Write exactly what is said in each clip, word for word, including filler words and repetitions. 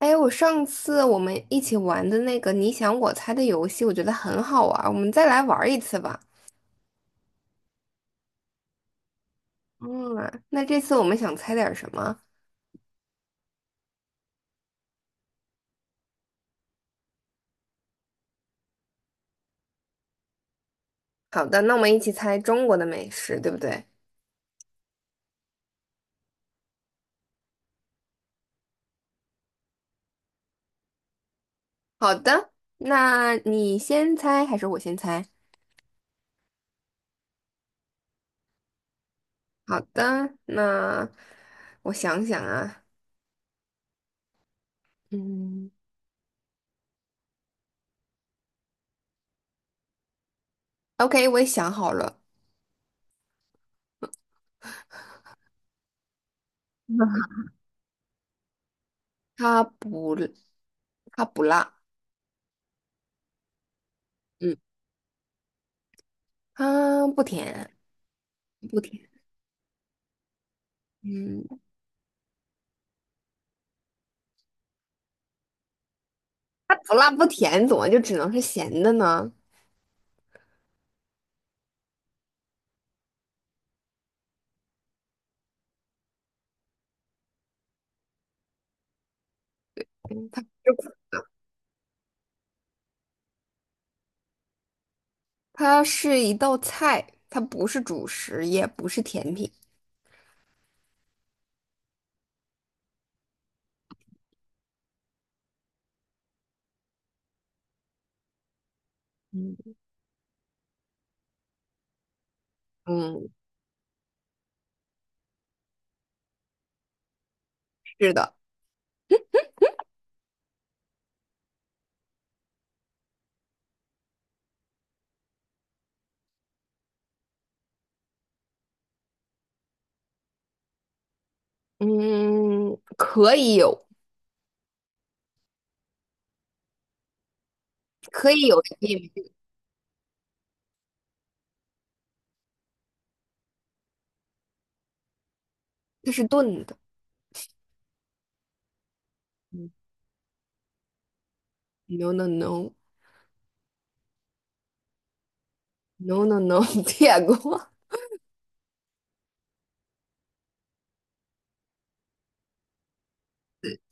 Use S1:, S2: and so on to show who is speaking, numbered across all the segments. S1: 哎，我上次我们一起玩的那个你想我猜的游戏，我觉得很好玩儿，我们再来玩儿一次吧。嗯，那这次我们想猜点儿什么？好的，那我们一起猜中国的美食，对不对？好的，那你先猜还是我先猜？好的，那我想想啊，嗯，OK，我也想好了，它不，它不辣，嗯，它不甜，不甜，嗯，它不辣不甜，怎么就只能是咸的呢？它是一道菜，它不是主食，也不是甜品。嗯，嗯，是的，嗯，可以有，可以有，也可以没有。它是炖的。嗯 No no no no no no，点过，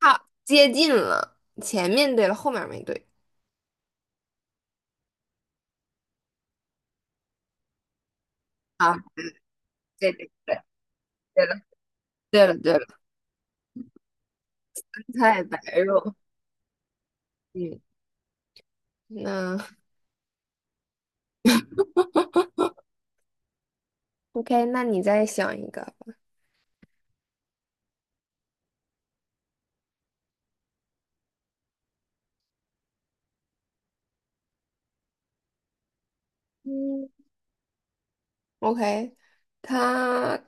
S1: 差接近了，前面对了，后面没对啊，对对对，对了对了对了，菜白肉，嗯，那 OK，那你再想一个吧。嗯 OK，它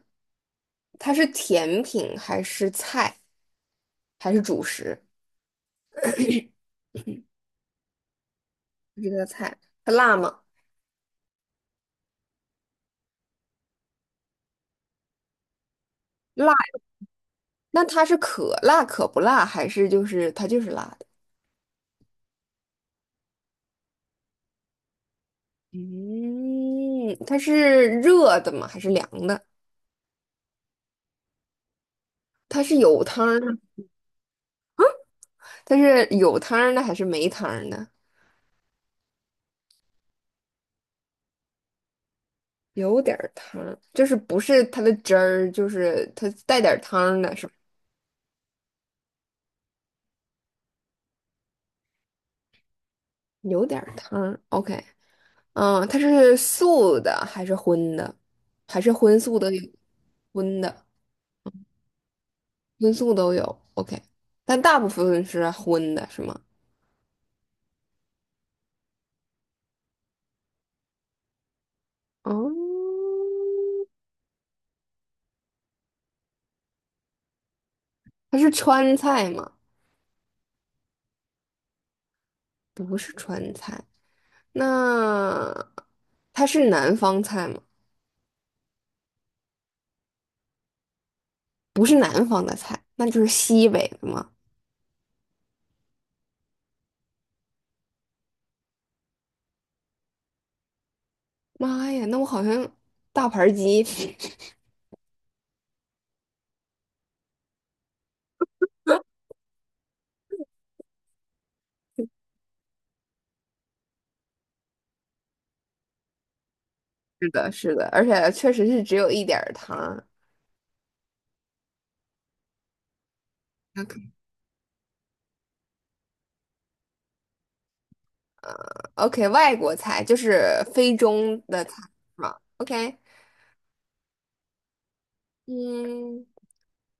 S1: 它是甜品还是菜，还是主食？这个菜，它辣吗？辣，那它是可辣可不辣，还是就是它就是辣的？嗯，它是热的吗？还是凉的？它是有汤儿的它是有汤儿的还是没汤儿的？有点儿汤儿，就是不是它的汁儿，就是它带点儿汤儿的，是吧？有点儿汤儿，OK。嗯，它是素的还是荤的？还是荤素都有？荤的、荤素都有。OK，但大部分是荤的，是吗？哦，它是川菜吗？那它是南方菜吗？不是南方的菜，那就是西北的吗？妈呀，那我好像大盘鸡。是的，是的，而且确实是只有一点儿糖儿。呃 OK，外国菜就是非中的菜是吗？OK，嗯，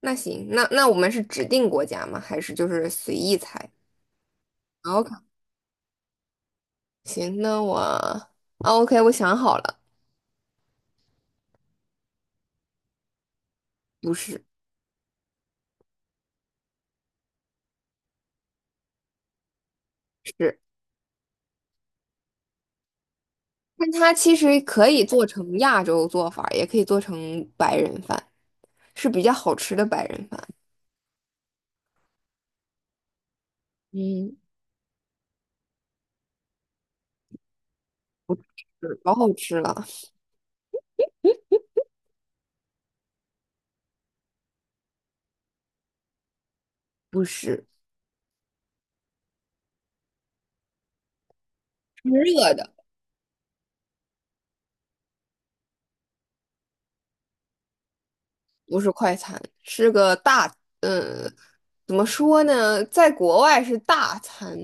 S1: 那行，那那我们是指定国家吗？还是就是随意猜？OK，行，那我啊 OK，我想好了，不是，是，但它其实可以做成亚洲做法儿也可以做成白人饭，是比较好吃的白人饭。嗯，是老好吃了，不是，是热的。不是快餐，是个大，嗯，怎么说呢，在国外是大餐，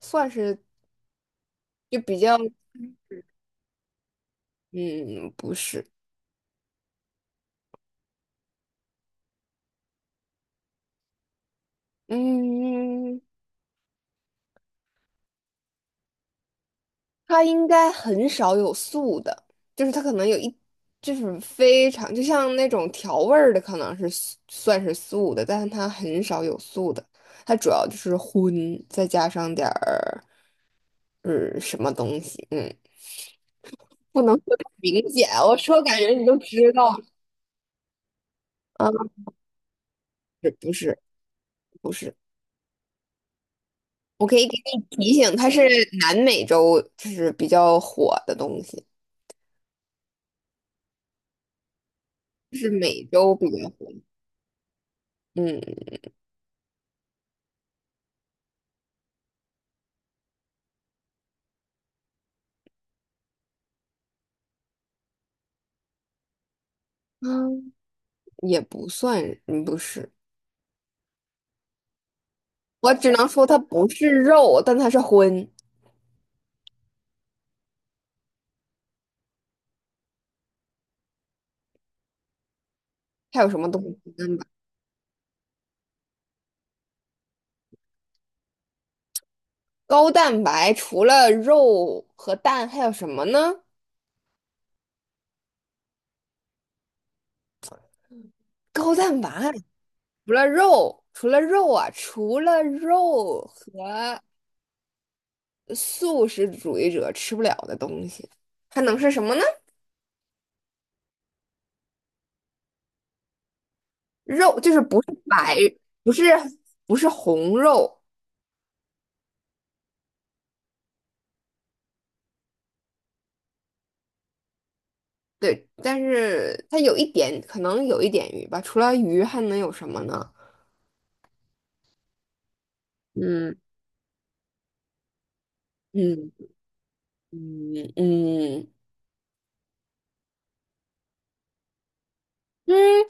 S1: 算是就比较，嗯，不是，嗯，它应该很少有素的，就是它可能有一，就是非常，就像那种调味儿的，可能是素算是素的，但是它很少有素的，它主要就是荤，再加上点儿，嗯，什么东西，嗯，不能说太明显，我说感觉你都知道。啊，不是不是，我可以给你提醒，它是南美洲就是比较火的东西，就是美洲比较火。嗯嗯也不算，嗯不是，我只能说它不是肉，但它是荤。还有什么东西高蛋白？高蛋白除了肉和蛋还有什么呢？高蛋白除了肉，除了肉啊，除了肉和素食主义者吃不了的东西，还能是什么呢？肉就是不是白，不是不是红肉，对，但是它有一点，可能有一点鱼吧。除了鱼，还能有什么呢？嗯嗯嗯嗯嗯，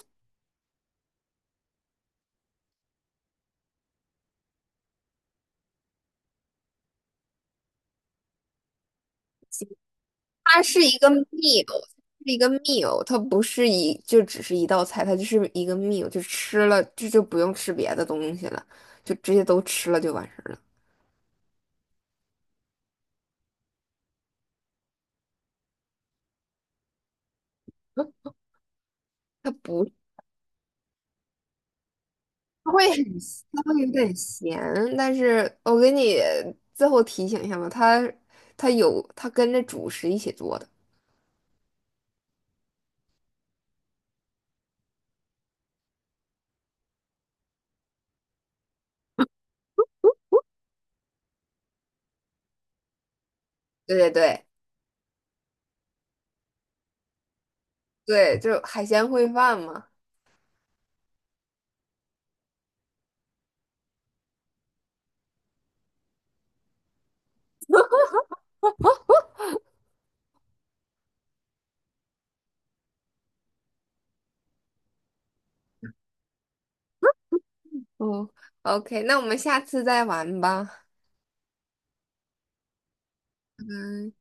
S1: 它是一个 meal，是一个 meal，它不是一就只是一道菜，它就是一个 meal，就吃了这就不用吃别的东西了，就直接都吃了就完事儿了。嗯它不它会很，它会有点咸，但是我给你最后提醒一下吧，它它有它跟着主食一起做的，对对对对，就海鲜烩饭嘛。嗯，OK，那我们下次再玩吧。嗯。